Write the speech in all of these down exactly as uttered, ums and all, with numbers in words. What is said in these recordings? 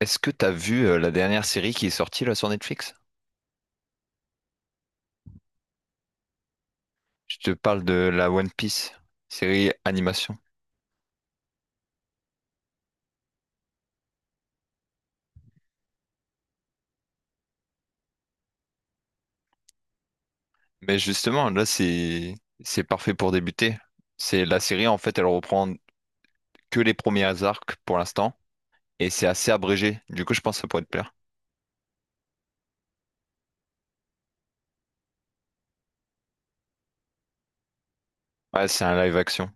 Est-ce que t'as vu euh, la dernière série qui est sortie là sur Netflix? Je te parle de la One Piece, série animation. Mais justement, là c'est c'est parfait pour débuter. C'est la série en fait, elle reprend que les premiers arcs pour l'instant et c'est assez abrégé. Du coup, je pense que ça pourrait te plaire. Ouais, c'est un live action.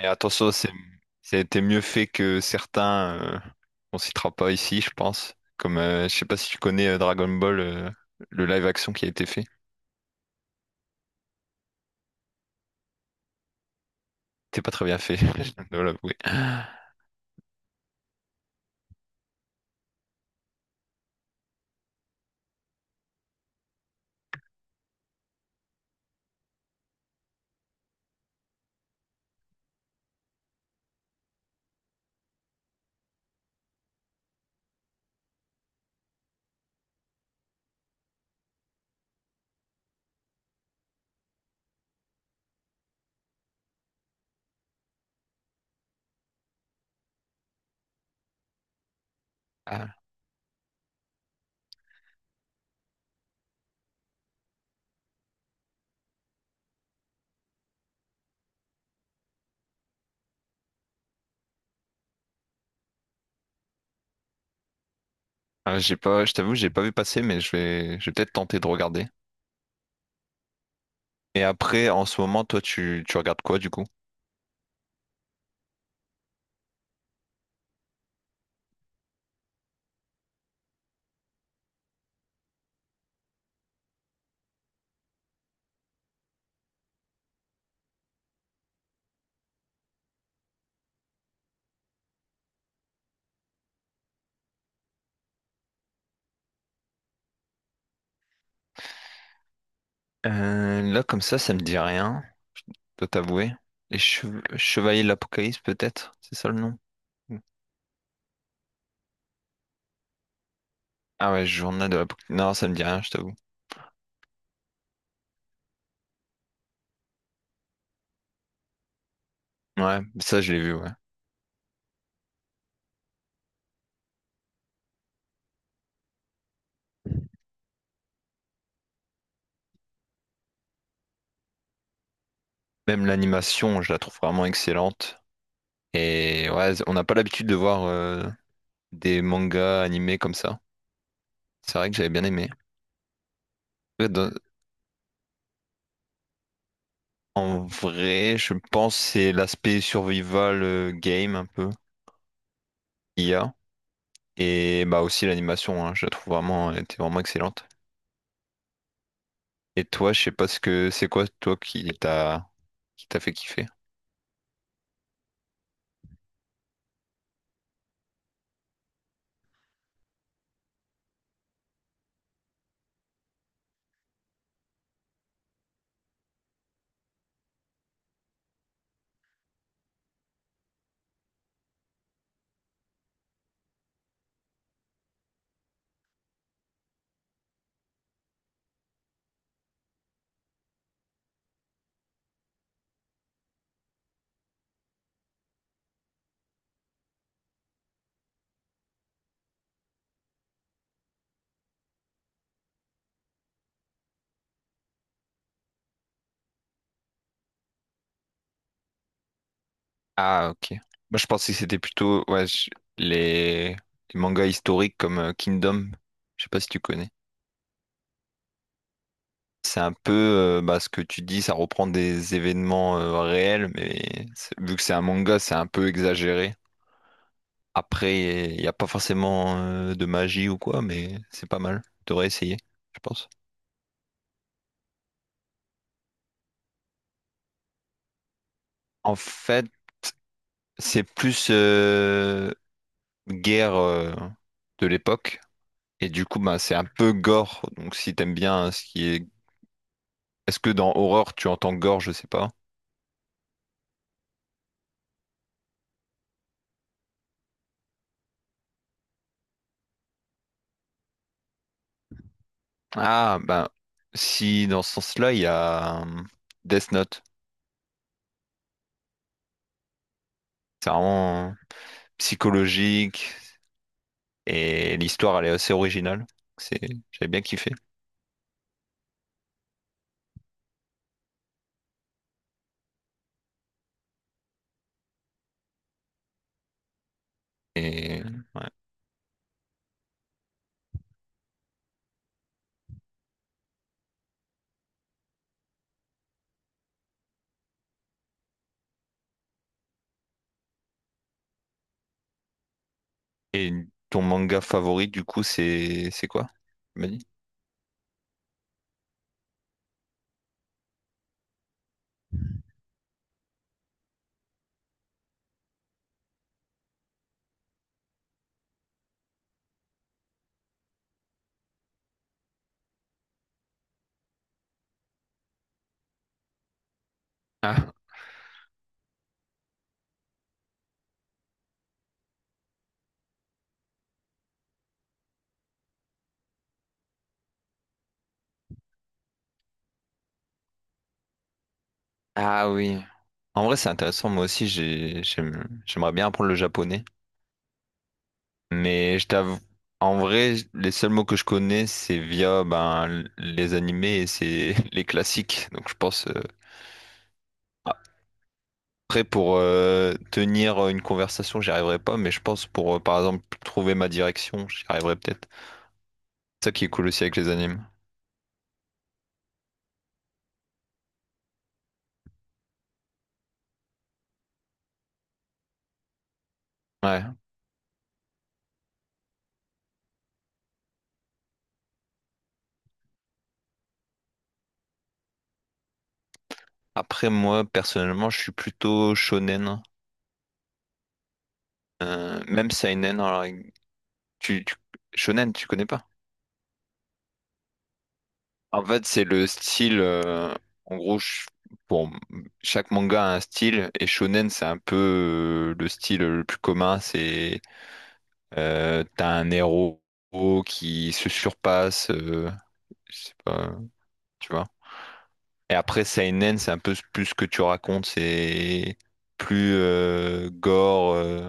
Mais attention, c'est c'était mieux fait que certains. Euh, on citera pas ici, je pense. Comme euh, je sais pas si tu connais euh, Dragon Ball, euh, le live action qui a été fait. C'était pas très bien fait, je dois l'avouer. Ah. Ah, j'ai pas, je t'avoue, j'ai pas vu passer, mais je vais, je vais peut-être tenter de regarder. Et après, en ce moment, toi, tu, tu regardes quoi du coup? Euh, là, comme ça, ça me dit rien, dois t'avouer. Les Chev- Chevaliers de l'Apocalypse, peut-être? C'est ça le nom? Mm. Ah ouais, Journal de l'Apocalypse. Non, ça me dit rien, je t'avoue. Ouais, ça, je l'ai vu, ouais. Même l'animation, je la trouve vraiment excellente. Et ouais, on n'a pas l'habitude de voir euh, des mangas animés comme ça. C'est vrai que j'avais bien aimé. En vrai, je pense que c'est l'aspect survival euh, game un peu, I A, et bah aussi l'animation, hein, je la trouve vraiment, elle était vraiment excellente. Et toi, je sais pas ce que c'est quoi toi qui t'a qui t'a fait kiffer. Ah ok. Moi je pensais que c'était plutôt ouais, je- les... les mangas historiques comme euh, Kingdom, je sais pas si tu connais. C'est un peu euh, bah, ce que tu dis, ça reprend des événements euh, réels, mais c'est- vu que c'est un manga, c'est un peu exagéré. Après, il n'y a pas forcément euh, de magie ou quoi, mais c'est pas mal. T'aurais essayer, je pense. En fait, c'est plus euh, guerre euh, de l'époque. Et du coup, bah, c'est un peu gore. Donc si t'aimes bien hein, ce qui est... Est-ce que dans horreur, tu entends gore? Je sais pas. Ah, ben, si dans ce sens-là, il y a euh, Death Note. C'est vraiment psychologique et l'histoire, elle est assez originale. C'est... J'avais bien kiffé. Et... ouais. Et ton manga favori, du coup, c'est c'est quoi? Tu m'as dit Ah, Ah oui. En vrai, c'est intéressant. Moi aussi, j'ai- j'aime- j'aimerais bien apprendre le japonais. Mais je t'avoue, en vrai, les seuls mots que je connais, c'est via ben, les animés et c'est les classiques. Donc, je pense. euh, Après, pour euh, tenir une conversation, j'y arriverai pas. Mais je pense pour, euh, par exemple, trouver ma direction, j'y arriverai peut-être. C'est ça qui est cool aussi avec les animes. Ouais. Après, moi, personnellement, je suis plutôt shonen. Euh, même seinen, alors, tu, tu- shonen, tu connais pas? En fait, c'est le style. euh, En gros, ch- bon, chaque manga a un style et shonen, c'est un peu euh, le style le plus commun. C'est euh, t'as un héros qui se surpasse. euh, Je sais pas, tu vois. Et après seinen, c'est un peu plus ce que tu racontes. C'est plus euh, gore euh,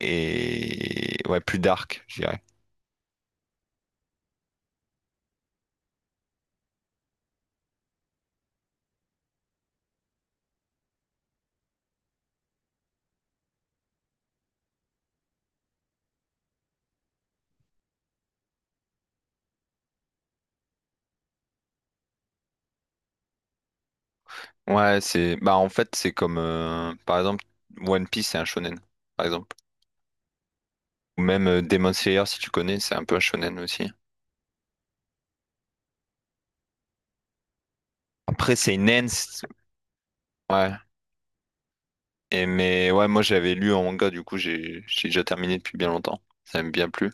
et ouais, plus dark, je dirais. Ouais, c'est bah en fait c'est comme euh, par exemple One Piece c'est un shonen par exemple ou même euh, Demon Slayer si tu connais c'est un peu un shonen aussi. Après c'est une ends, ouais. Et mais ouais moi j'avais lu en manga du coup j'ai j'ai déjà terminé depuis bien longtemps. Ça m'a bien plu.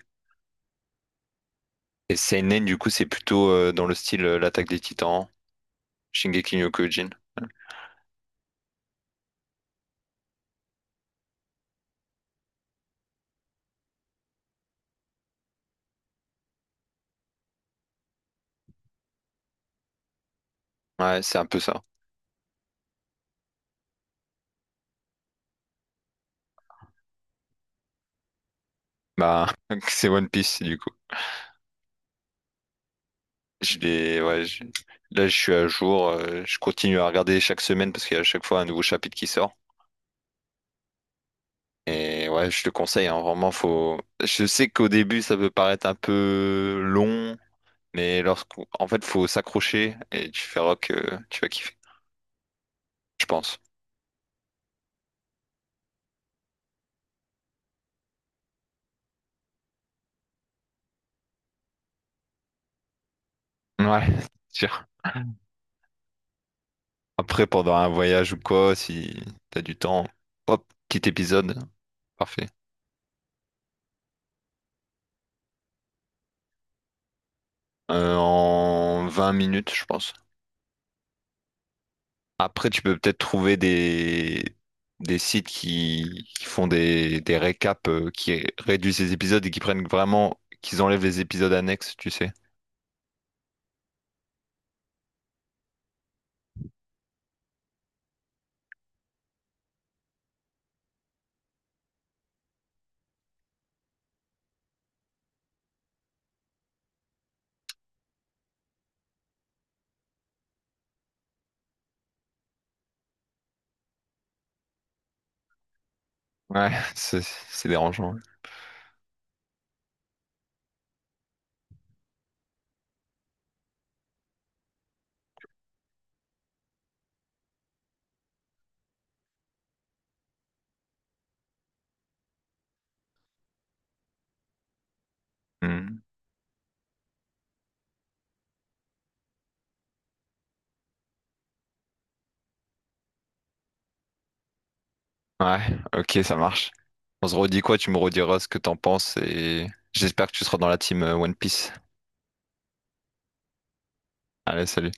Et seinen du coup c'est plutôt euh, dans le style euh, l'attaque des Titans Shingeki no Kyojin. Ouais, c'est un peu ça. Bah, c'est One Piece, du coup. Je l'ai, ouais, je- là, je suis à jour. euh, Je continue à regarder chaque semaine parce qu'il y a à chaque fois un nouveau chapitre qui sort. Et ouais, je te conseille, hein, vraiment, faut. Je sais qu'au début, ça peut paraître un peu long. Mais lorsqu'on, en fait, faut s'accrocher et tu verras que tu vas kiffer, je pense. Ouais, c'est sûr. Après, pendant un voyage ou quoi, si t'as du temps, hop, petit épisode, parfait. Euh, en vingt minutes, je pense. Après, tu peux peut-être trouver des, des sites qui, qui font des, des récaps, euh, qui réduisent les épisodes et qui prennent vraiment, qu'ils enlèvent les épisodes annexes, tu sais. Ouais, c'est c'est dérangeant. Hmm. Ouais, ok, ça marche. On se redit quoi? Tu me rediras ce que t'en penses et j'espère que tu seras dans la team euh, One Piece. Allez, salut.